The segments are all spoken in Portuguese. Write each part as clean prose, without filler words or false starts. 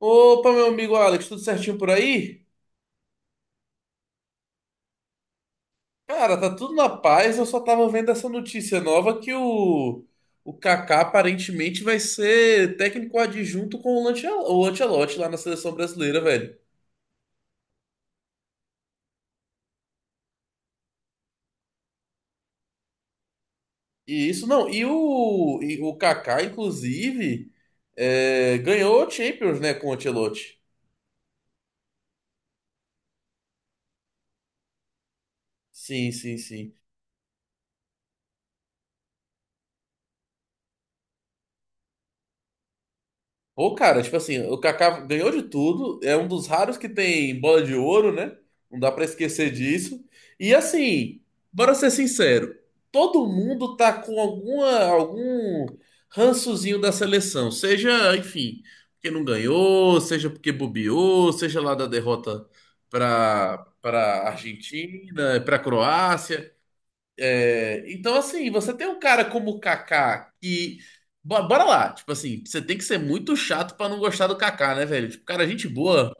Opa, meu amigo Alex, tudo certinho por aí? Cara, tá tudo na paz. Eu só tava vendo essa notícia nova que o Kaká aparentemente vai ser técnico adjunto com o o Ancelotti lá na seleção brasileira, velho. E isso não, e o Kaká, inclusive, ganhou o Champions, né, com o Ancelotti. Sim, sim, sim. Pô, cara, tipo assim, o Kaká ganhou de tudo, é um dos raros que tem bola de ouro, né? Não dá pra esquecer disso. E assim, bora ser sincero, todo mundo tá com algum rançozinho da seleção, seja, enfim, porque não ganhou, seja porque bobeou, seja lá da derrota pra para Argentina, pra Croácia. Então, assim, você tem um cara como o Kaká que. Bora lá, tipo assim, você tem que ser muito chato pra não gostar do Kaká, né, velho? Tipo, cara, gente boa.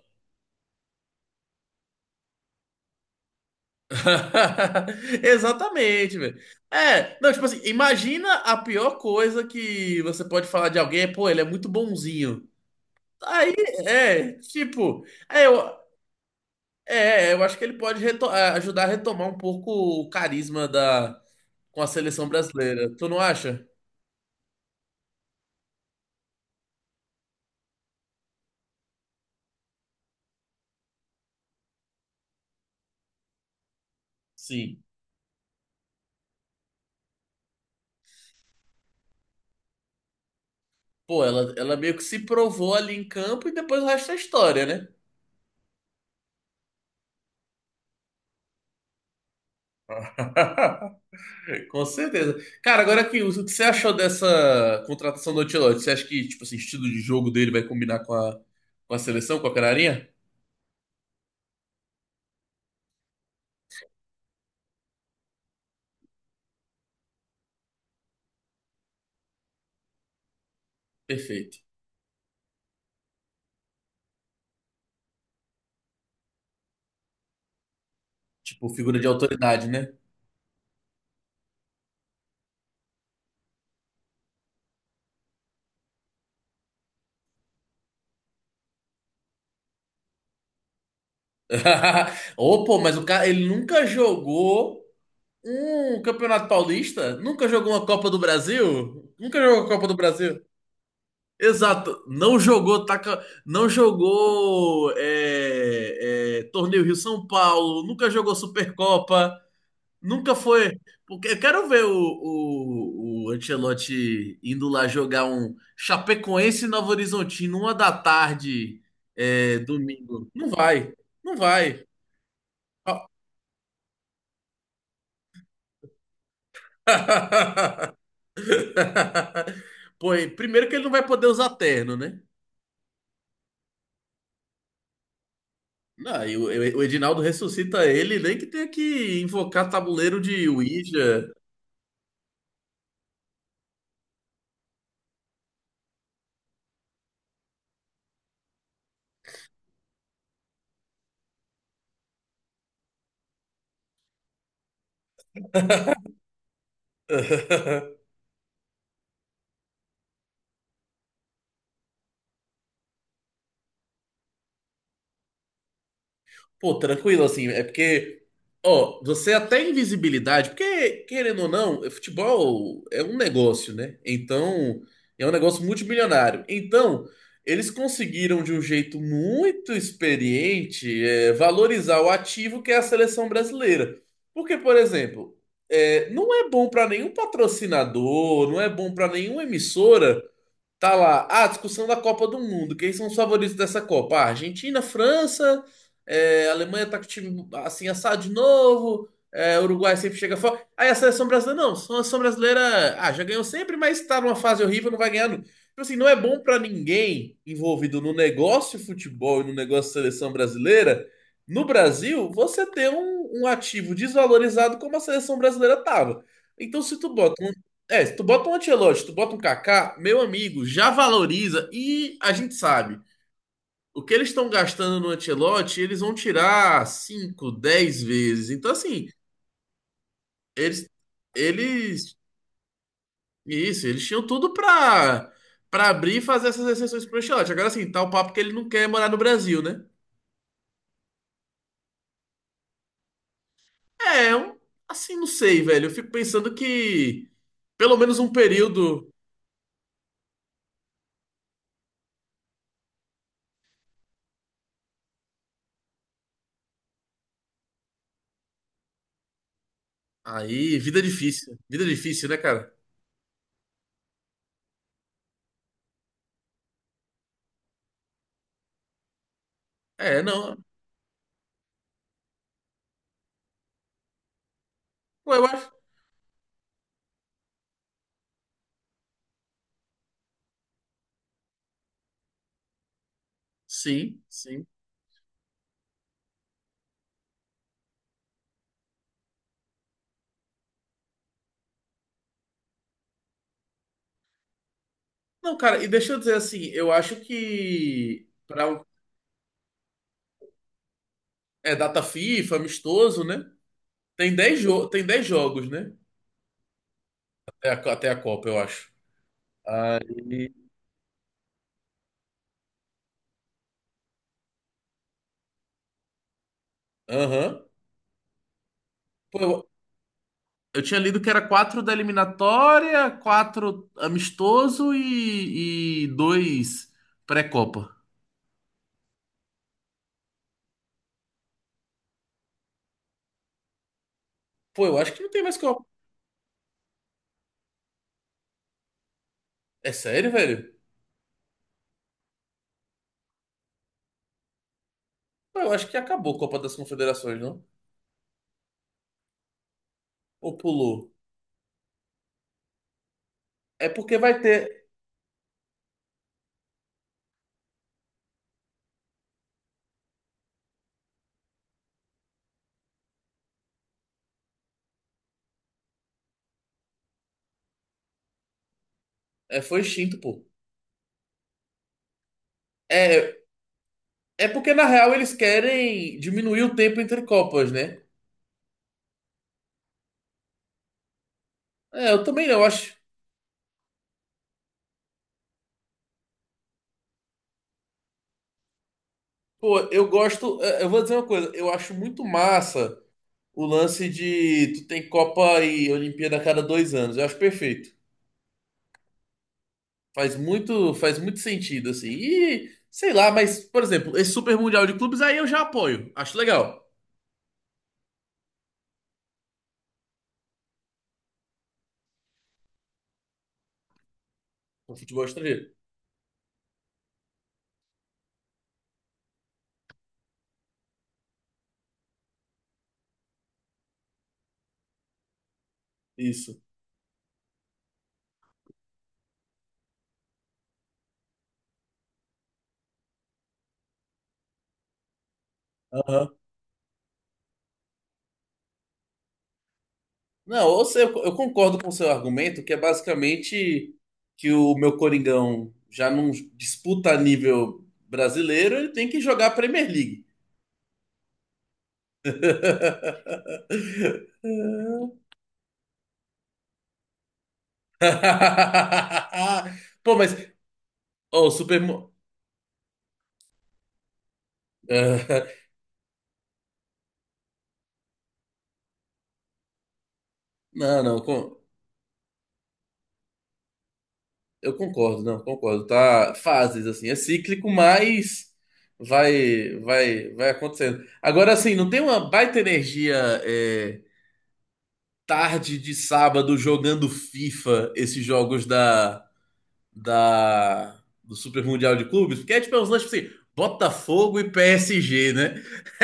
Exatamente, velho. É, não, tipo assim, imagina a pior coisa que você pode falar de alguém é, pô, ele é muito bonzinho. Aí, tipo, eu acho que ele pode ajudar a retomar um pouco o carisma da, com a seleção brasileira. Tu não acha? Sim. Pô, ela meio que se provou ali em campo e depois o resto é história, né? Com certeza. Cara, agora que o que você achou dessa contratação do Ancelotti? Você acha que, tipo assim, o estilo de jogo dele vai combinar com a seleção, com a canarinha? Perfeito. Tipo, figura de autoridade, né? Ô, pô, mas o cara, ele nunca jogou um Campeonato Paulista? Nunca jogou uma Copa do Brasil? Nunca jogou a Copa do Brasil? Exato, não jogou taca, não jogou torneio Rio São Paulo, nunca jogou Supercopa, nunca foi. Porque eu quero ver o Ancelotti indo lá jogar um Chapecoense e Novo Horizontino, uma da tarde, domingo. Não vai, não vai. Pô, e primeiro que ele não vai poder usar terno, né? Não, e o Edinaldo ressuscita ele, nem que tenha que invocar tabuleiro de Ouija. Pô, tranquilo, assim, é porque, ó, você até é invisibilidade, porque, querendo ou não, futebol é um negócio, né? Então, é um negócio multimilionário. Então, eles conseguiram, de um jeito muito experiente, valorizar o ativo que é a seleção brasileira. Porque, por exemplo, não é bom para nenhum patrocinador, não é bom para nenhuma emissora. Tá lá. Ah, discussão da Copa do Mundo. Quem são os favoritos dessa Copa? Ah, Argentina, França, Alemanha tá com o time assim assado de novo. Uruguai sempre chega fora. Aí a seleção brasileira, não. A seleção brasileira, ah, já ganhou sempre, mas tá numa fase horrível, não vai ganhar. Nunca. Tipo assim, não é bom pra ninguém envolvido no negócio futebol e no negócio seleção brasileira. No Brasil, você ter um ativo desvalorizado como a seleção brasileira tava. Então, se tu bota um Ancelotti, se tu bota um Kaká, meu amigo, já valoriza e a gente sabe. O que eles estão gastando no Ancelotti, eles vão tirar 5, 10 vezes. Então, assim, eles, eles, isso, eles tinham tudo pra, abrir e fazer essas exceções pro Ancelotti. Agora, assim, tá o papo que ele não quer morar no Brasil, né? É, um, assim, não sei, velho. Eu fico pensando que pelo menos um período. Aí, vida difícil. Vida difícil, né, cara? É, não. Ué, eu acho. Sim, sim. Não, cara, e deixa eu dizer assim, eu acho que para um, é data FIFA, amistoso, né? Tem dez jogos, né? Até a Copa, eu acho. Aí, aham. Pô, eu tinha lido que era quatro da eliminatória, quatro amistoso e dois pré-Copa. Pô, eu acho que não tem mais Copa. É sério, velho? Pô, eu acho que acabou a Copa das Confederações, não? Ou pulou? É porque vai ter. É, foi extinto, pô. É, É porque, na real, eles querem diminuir o tempo entre Copas, né? É, eu também não, eu acho. Pô, eu gosto. Eu vou dizer uma coisa, eu acho muito massa o lance de tu tem Copa e Olimpíada a cada dois anos. Eu acho perfeito. Faz muito sentido, assim. E, sei lá, mas, por exemplo, esse Super Mundial de Clubes aí eu já apoio. Acho legal. O futebol estrangeiro. Isso. Não, ou seja, eu concordo com o seu argumento, que é basicamente que o meu Coringão já não disputa a nível brasileiro, ele tem que jogar a Premier League. Não. Pô, mas ó, o Super. Não, não, con- eu concordo, não, concordo. Tá, fases assim, é cíclico, mas vai, vai, vai acontecendo. Agora, assim, não tem uma baita energia é, tarde de sábado jogando FIFA, esses jogos da, do Super Mundial de Clubes, porque é tipo é uns lances tipo assim, Botafogo e PSG, né?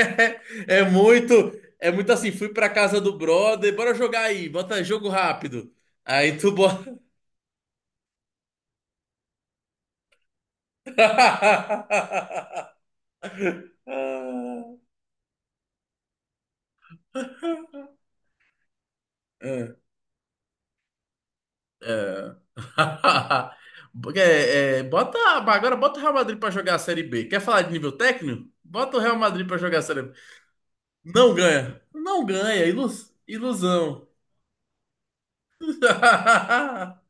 É, muito, é muito assim, fui pra casa do brother, bora jogar aí, bota jogo rápido. Aí tu bota. É, é. Agora bota o Real Madrid pra jogar a Série B. Quer falar de nível técnico? Bota o Real Madrid pra jogar a Série B. Não ganha. Não ganha. Ilusão.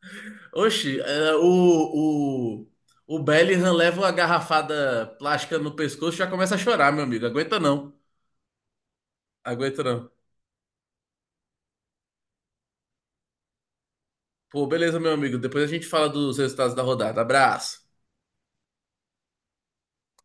Oxi, o Bellingham leva uma garrafada plástica no pescoço e já começa a chorar, meu amigo. Aguenta não. Aguenta não. Pô, beleza, meu amigo. Depois a gente fala dos resultados da rodada. Abraço.